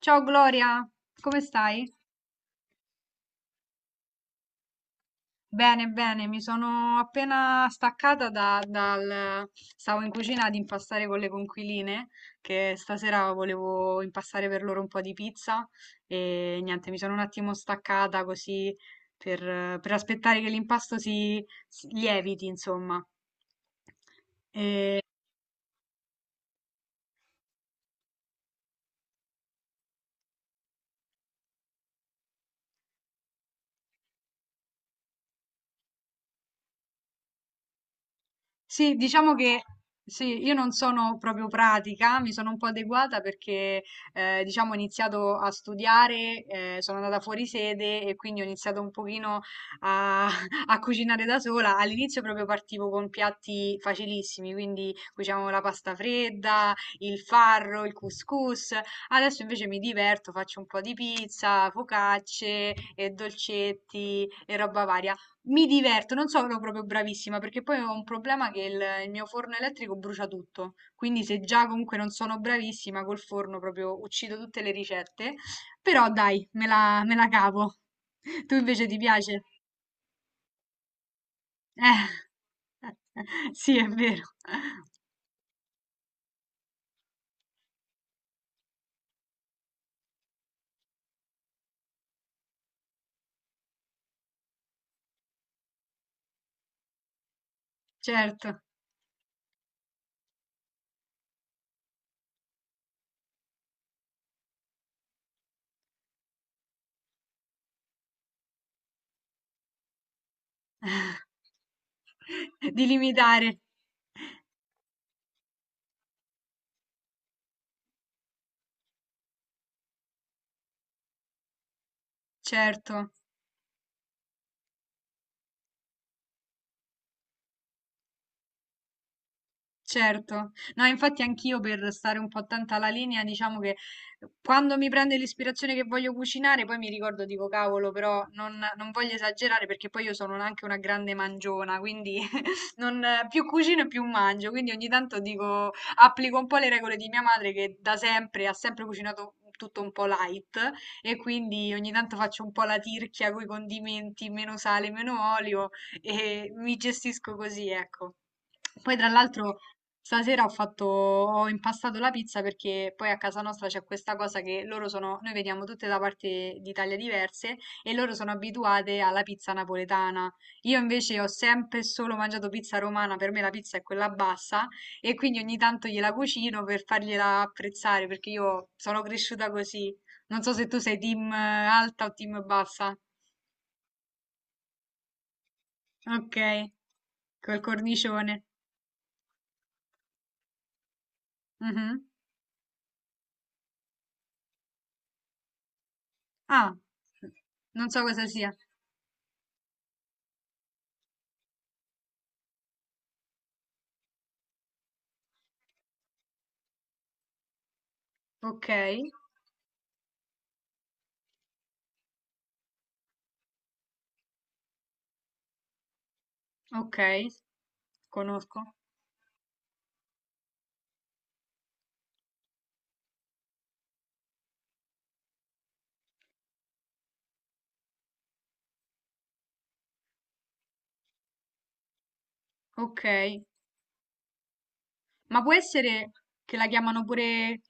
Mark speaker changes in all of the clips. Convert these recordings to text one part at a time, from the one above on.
Speaker 1: Ciao Gloria, come stai? Bene, bene, mi sono appena staccata. Stavo in cucina ad impastare con le conquiline, che stasera volevo impastare per loro un po' di pizza e niente, mi sono un attimo staccata così per aspettare che l'impasto si lieviti, insomma. E sì, diciamo che sì, io non sono proprio pratica, mi sono un po' adeguata perché diciamo ho iniziato a studiare, sono andata fuori sede e quindi ho iniziato un pochino a, a cucinare da sola. All'inizio proprio partivo con piatti facilissimi, quindi cucinavo la pasta fredda, il farro, il couscous. Adesso invece mi diverto, faccio un po' di pizza, focacce e dolcetti e roba varia. Mi diverto, non sono proprio bravissima perché poi ho un problema che il mio forno elettrico brucia tutto, quindi se già comunque non sono bravissima col forno proprio uccido tutte le ricette, però dai, me la cavo. Tu invece ti piace? Eh, sì, è vero, certo, di limitare, certo. Certo. No, infatti anch'io per stare un po' attenta alla linea, diciamo che quando mi prende l'ispirazione che voglio cucinare, poi mi ricordo, dico, cavolo, però non voglio esagerare perché poi io sono anche una grande mangiona, quindi non, più cucino e più mangio, quindi ogni tanto dico, applico un po' le regole di mia madre che da sempre ha sempre cucinato tutto un po' light e quindi ogni tanto faccio un po' la tirchia con i condimenti, meno sale, meno olio e mi gestisco così, ecco. Poi tra l'altro stasera ho fatto, ho impastato la pizza perché poi a casa nostra c'è questa cosa che loro sono, noi veniamo tutte da parti d'Italia diverse e loro sono abituate alla pizza napoletana. Io invece ho sempre e solo mangiato pizza romana, per me la pizza è quella bassa e quindi ogni tanto gliela cucino per fargliela apprezzare perché io sono cresciuta così. Non so se tu sei team alta o team bassa. Ok, col cornicione. Mhm. Ah, non so cosa sia. Okay, okay, conosco. Okay, ma può essere che la chiamano pure,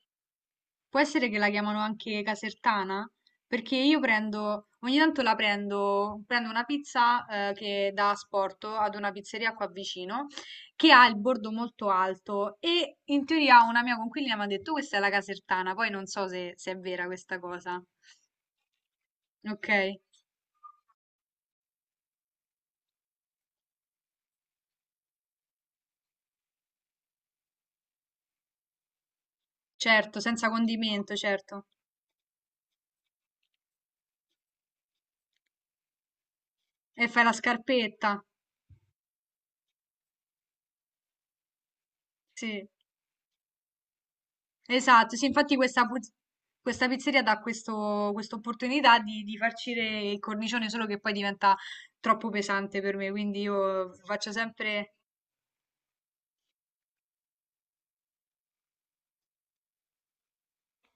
Speaker 1: può essere che la chiamano anche casertana? Perché io prendo, ogni tanto la prendo, una pizza che da asporto ad una pizzeria qua vicino che ha il bordo molto alto e in teoria una mia coinquilina mi ha detto questa è la casertana, poi non so se è vera questa cosa. Ok, certo, senza condimento, certo. E fai la scarpetta. Sì, esatto. Sì, infatti questa, questa pizzeria dà questo, questa opportunità di farcire il cornicione, solo che poi diventa troppo pesante per me, quindi io faccio sempre.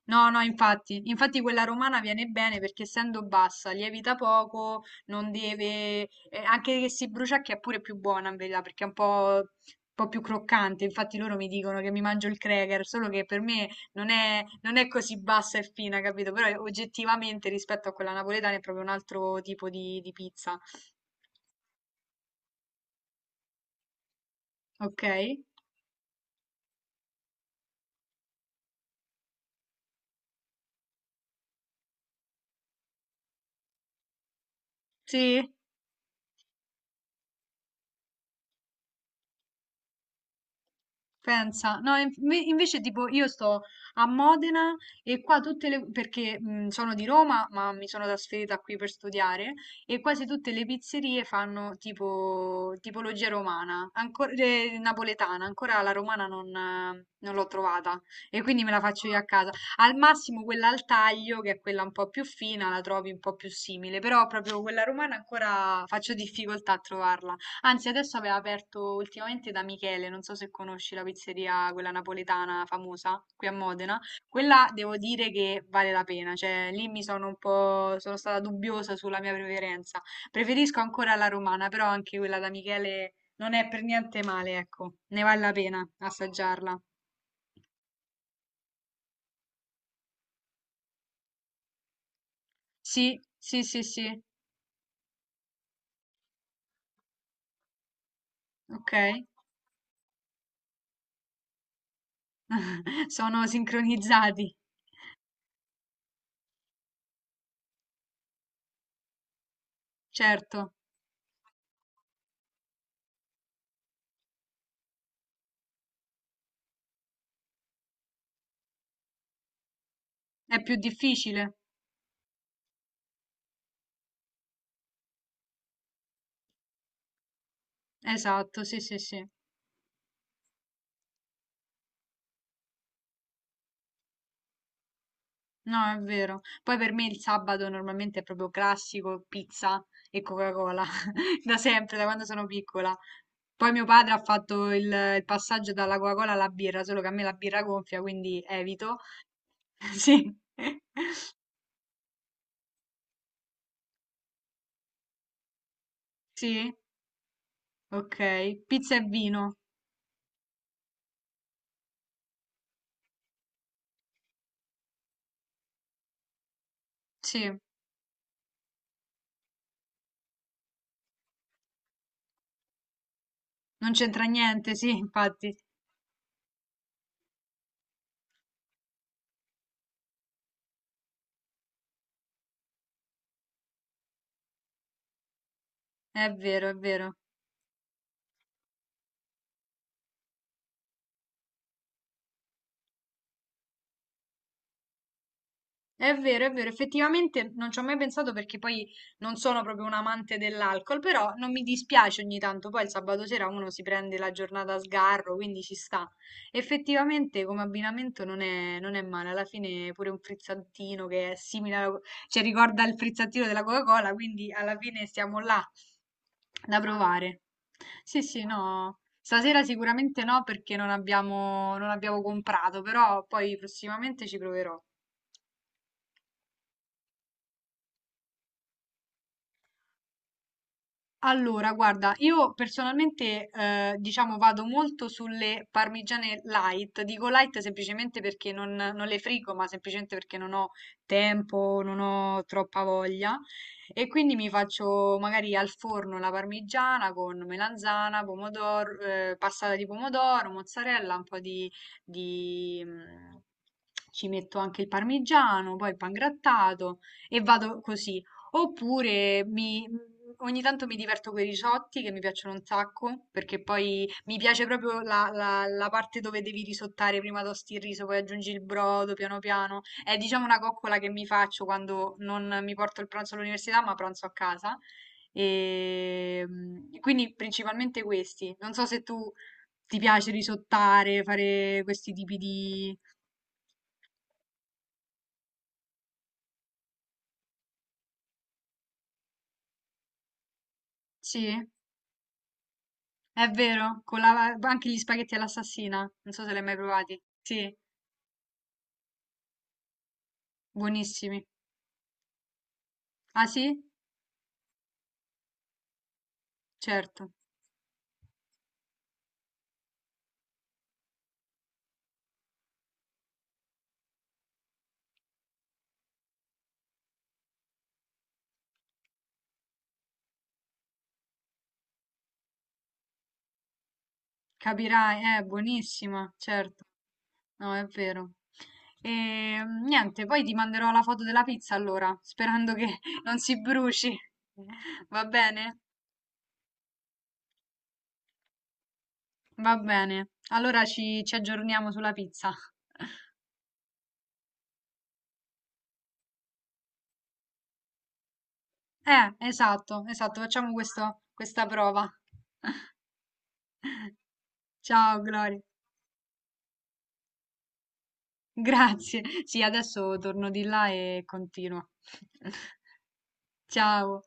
Speaker 1: No, no, infatti quella romana viene bene perché essendo bassa, lievita poco, non deve, anche che si brucia che è pure più buona in verità perché è un po' più croccante, infatti loro mi dicono che mi mangio il cracker, solo che per me non è così bassa e fina, capito? Però oggettivamente rispetto a quella napoletana è proprio un altro tipo di pizza, ok? Sì? Pensa, no, invece tipo io sto a Modena e qua tutte le, perché sono di Roma, ma mi sono trasferita qui per studiare e quasi tutte le pizzerie fanno tipo tipologia romana, ancora napoletana, ancora la romana non l'ho trovata e quindi me la faccio io a casa. Al massimo quella al taglio, che è quella un po' più fina, la trovi un po' più simile, però proprio quella romana ancora faccio difficoltà a trovarla. Anzi, adesso aveva aperto ultimamente da Michele, non so se conosci la pizzeria, quella napoletana famosa qui a Modena. Quella devo dire che vale la pena, cioè lì mi sono un po', sono stata dubbiosa sulla mia preferenza. Preferisco ancora la romana, però anche quella da Michele non è per niente male, ecco, ne vale la pena assaggiarla. Sì, sì, sì, sì, ok. Sono sincronizzati, certo, è più difficile. Esatto, sì, sì, sì. No, è vero. Poi per me il sabato normalmente è proprio classico, pizza e Coca-Cola, da sempre, da quando sono piccola. Poi mio padre ha fatto il passaggio dalla Coca-Cola alla birra, solo che a me la birra gonfia, quindi evito. Sì, sì, ok. Pizza e vino, sì. Non c'entra niente, sì, infatti. È vero, è vero. È vero, è vero, effettivamente non ci ho mai pensato perché poi non sono proprio un amante dell'alcol, però non mi dispiace ogni tanto, poi il sabato sera uno si prende la giornata a sgarro, quindi ci sta. Effettivamente come abbinamento non è male, alla fine pure un frizzantino che è simile alla, cioè ricorda il frizzantino della Coca-Cola, quindi alla fine siamo là da provare. Sì, sì, no. Stasera sicuramente no perché non abbiamo comprato, però poi prossimamente ci proverò. Allora, guarda, io personalmente, diciamo, vado molto sulle parmigiane light. Dico light semplicemente perché non le frigo, ma semplicemente perché non ho tempo, non ho troppa voglia. E quindi mi faccio magari al forno la parmigiana con melanzana, pomodoro, passata di pomodoro, mozzarella, un po' di... Ci metto anche il parmigiano, poi il pangrattato e vado così. Oppure ogni tanto mi diverto con i risotti che mi piacciono un sacco, perché poi mi piace proprio la parte dove devi risottare, prima tosti il riso, poi aggiungi il brodo piano piano. È diciamo una coccola che mi faccio quando non mi porto il pranzo all'università, ma pranzo a casa. E quindi principalmente questi. Non so se tu ti piace risottare, fare questi tipi di. Sì? È vero, con la anche gli spaghetti all'assassina, non so se li hai mai provati. Sì, buonissimi. Ah sì? Certo. Capirai, è buonissima, certo. No, è vero. E niente, poi ti manderò la foto della pizza allora, sperando che non si bruci. Va bene? Va bene. Allora ci aggiorniamo sulla pizza. Esatto, esatto, facciamo questa prova. Ciao, Gloria. Grazie. Sì, adesso torno di là e continuo. Ciao.